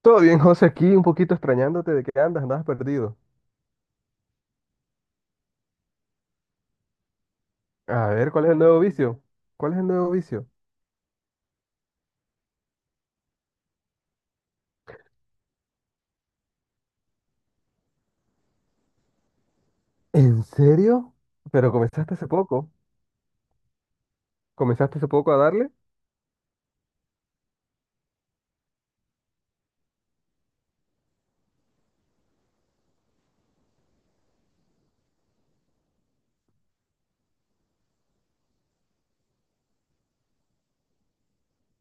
Todo bien, José, aquí un poquito extrañándote de que andabas perdido. A ver, ¿cuál es el nuevo vicio? ¿Cuál es el nuevo vicio? ¿En serio? Pero comenzaste hace poco. ¿Comenzaste hace poco a darle?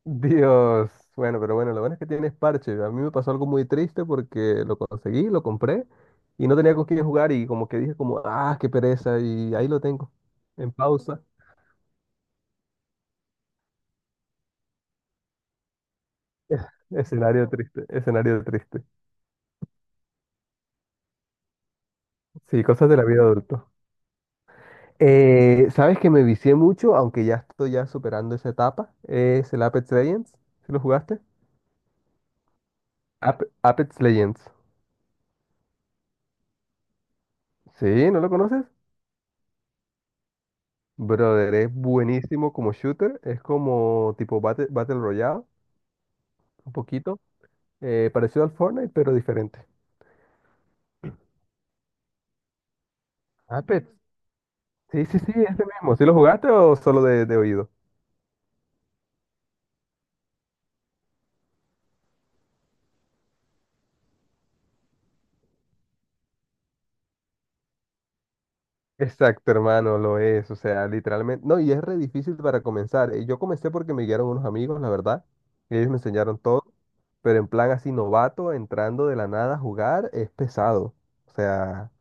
Dios. Bueno, pero bueno, lo bueno es que tienes parche. A mí me pasó algo muy triste porque lo conseguí, lo compré y no tenía con quién jugar y como que dije como, ah, qué pereza y ahí lo tengo, en pausa. Escenario triste, escenario triste. Sí, cosas de la vida adulta. ¿Sabes que me vicié mucho, aunque ya estoy superando esa etapa? Es el Apex Legends. ¿Sí lo jugaste? Apex Legends. ¿Sí? ¿No lo conoces? Brother, es buenísimo como shooter. Es como tipo Battle Royale, un poquito. Parecido al Fortnite, pero diferente. Apex. Sí, ese mismo. ¿Sí lo jugaste o solo de oído? Exacto, hermano, lo es, o sea, literalmente, no, y es re difícil para comenzar. Yo comencé porque me guiaron unos amigos, la verdad, y ellos me enseñaron todo, pero en plan así novato, entrando de la nada a jugar, es pesado. O sea,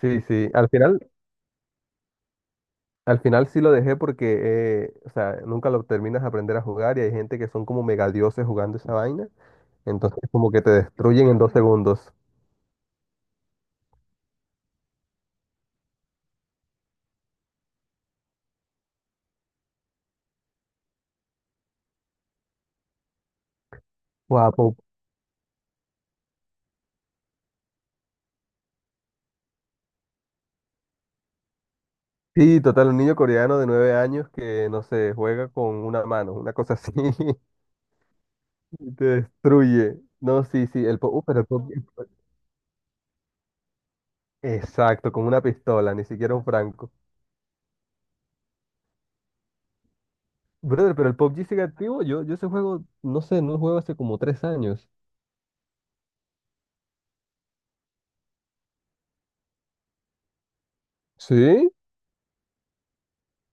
sí, al final sí lo dejé porque, o sea, nunca lo terminas de aprender a jugar y hay gente que son como mega dioses jugando esa vaina, entonces como que te destruyen en dos segundos. Guapo. Sí, total, un niño coreano de nueve años que, no sé, juega con una mano, una cosa así, y te destruye. No, sí, sí, el PUBG, pero el PUBG, exacto, con una pistola, ni siquiera un franco. Brother, pero el PUBG sigue activo, yo ese juego, no sé, no lo juego hace como 3 años. ¿Sí?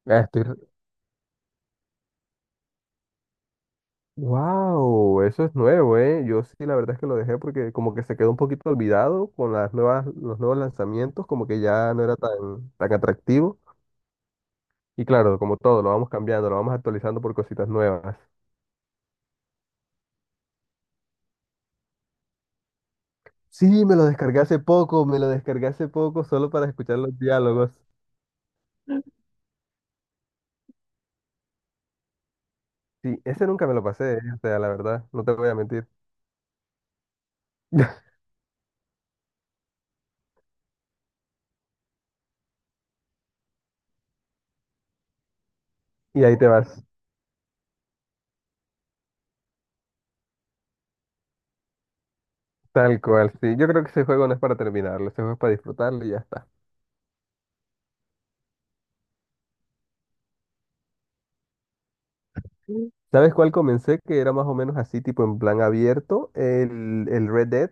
Ah, estoy... Wow, eso es nuevo, ¿eh? Yo sí, la verdad es que lo dejé porque como que se quedó un poquito olvidado con las nuevas, los nuevos lanzamientos, como que ya no era tan atractivo. Y claro, como todo, lo vamos cambiando, lo vamos actualizando por cositas nuevas. Sí, me lo descargué hace poco, me lo descargué hace poco solo para escuchar los diálogos. Sí, ese nunca me lo pasé, o sea, la verdad, no te voy a mentir. Y ahí te vas, tal cual, sí. Yo creo que ese juego no es para terminarlo, ese juego es para disfrutarlo y ya está. Mm. ¿Sabes cuál comencé? Que era más o menos así, tipo en plan abierto, el Red Dead,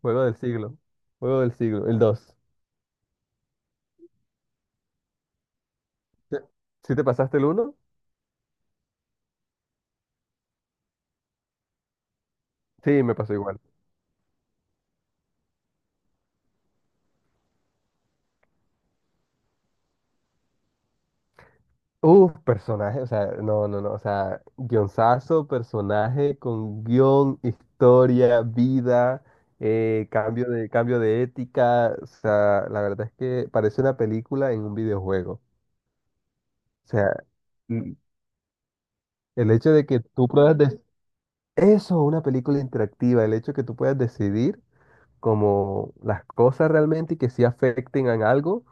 juego del siglo, juego del siglo, el 2. ¿Sí sí te pasaste el uno? Sí, me pasó igual. Uf, personaje, o sea, no, o sea, guionzazo, personaje con guión, historia, vida, cambio cambio de ética, o sea, la verdad es que parece una película en un videojuego. O sea, mm, el hecho de que tú puedas, eso, una película interactiva, el hecho de que tú puedas decidir como las cosas realmente y que sí afecten a algo,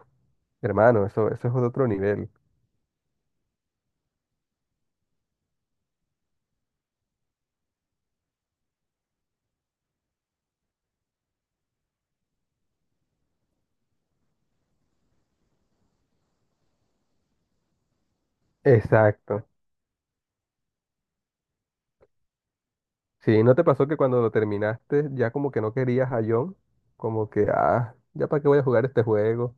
hermano, eso es otro nivel. Exacto. Sí, ¿no te pasó que cuando lo terminaste ya como que no querías a John? Como que, ah, ¿ya para qué voy a jugar este juego?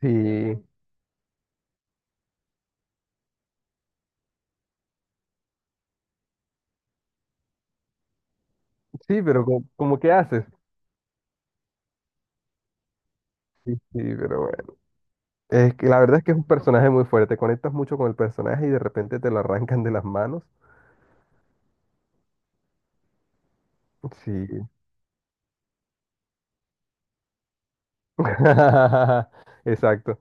Sí, sí, pero como, que haces. Sí, sí, pero bueno. Es que la verdad es que es un personaje muy fuerte. Conectas mucho con el personaje y de repente te lo arrancan de las manos. Sí. Exacto.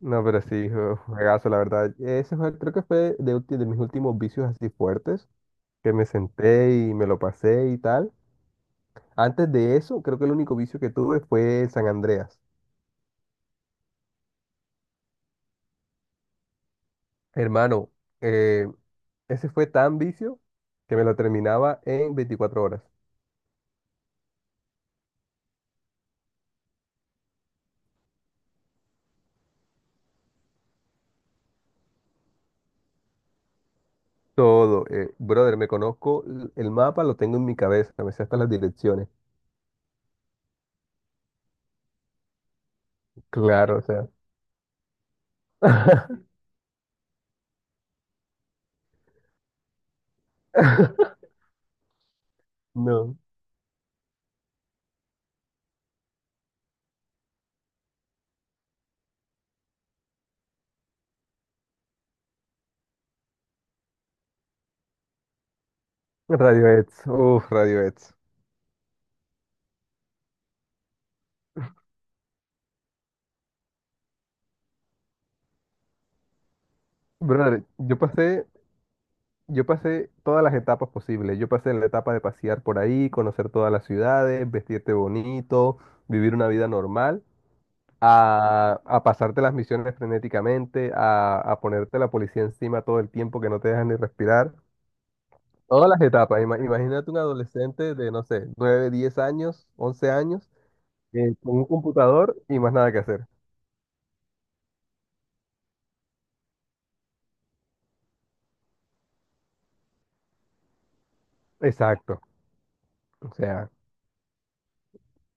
No, pero sí, juegazo, la verdad. Ese juego creo que fue de, de mis últimos vicios así fuertes, que me senté y me lo pasé y tal. Antes de eso, creo que el único vicio que tuve fue San Andreas. Hermano, eh, ese fue tan vicio que me lo terminaba en 24 horas. Todo, brother, me conozco el mapa, lo tengo en mi cabeza, me sé hasta las direcciones. Claro, o sea. No. Radiohead, uff, Radiohead. Brother, yo pasé, yo pasé todas las etapas posibles. Yo pasé la etapa de pasear por ahí, conocer todas las ciudades, vestirte bonito, vivir una vida normal, a pasarte las misiones frenéticamente, a ponerte la policía encima todo el tiempo que no te dejan ni respirar. Todas las etapas. Imagínate un adolescente de, no sé, 9 10 años, 11 años, con un computador y más nada que hacer. Exacto. O sea,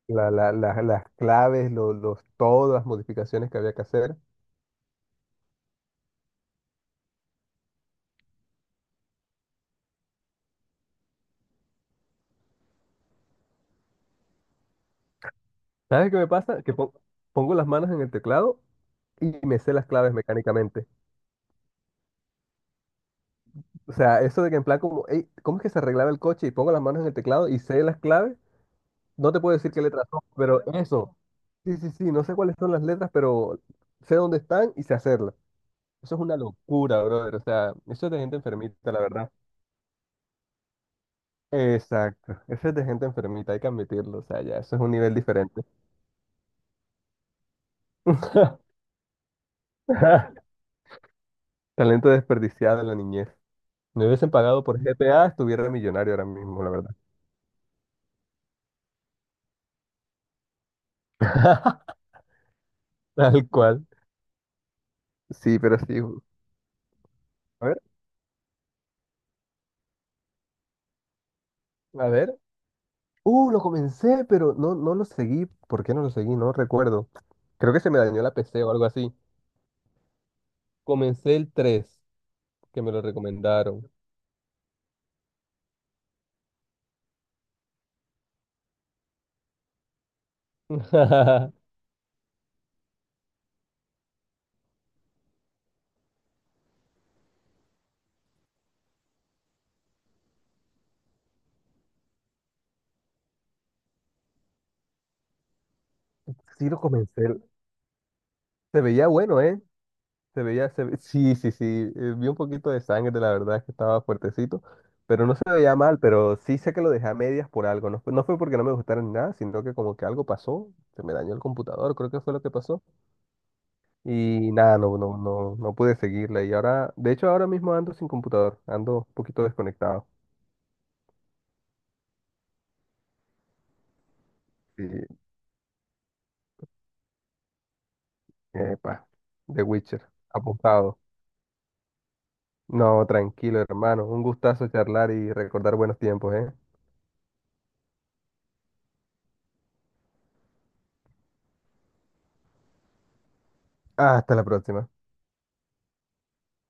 las claves, los, todas las modificaciones que había que hacer. ¿Sabes qué me pasa? Que pongo las manos en el teclado y me sé las claves mecánicamente. O sea, eso de que en plan como, "Ey, ¿cómo es que se arreglaba el coche?" Y pongo las manos en el teclado y sé las claves. No te puedo decir qué letras son, pero eso. Sí, no sé cuáles son las letras, pero sé dónde están y sé hacerlas. Eso es una locura, brother. O sea, eso es de gente enfermita, la verdad. Exacto. Eso es de gente enfermita, hay que admitirlo. O sea, ya, eso es un nivel diferente. Talento desperdiciado en la niñez. Me hubiesen pagado por GPA, estuviera millonario ahora mismo, la verdad. Tal cual. Sí, pero sí. A ver, a ver. Lo comencé, pero no lo seguí. ¿Por qué no lo seguí? No recuerdo. Creo que se me dañó la PC o algo así. Comencé el 3 que me lo recomendaron. Sí, lo comencé. Se veía bueno, ¿eh? Se veía, sí, sí, sí. Vi un poquito de sangre, la verdad es que estaba fuertecito, pero no se veía mal, pero sí sé que lo dejé a medias por algo. No, no fue porque no me gustara ni nada, sino que como que algo pasó, se me dañó el computador, creo que fue lo que pasó. Y nada, no pude seguirla. Y ahora, de hecho, ahora mismo ando sin computador, ando un poquito desconectado. Y, epa, The Witcher, apuntado. No, tranquilo, hermano. Un gustazo charlar y recordar buenos tiempos, ¿eh? Hasta la próxima.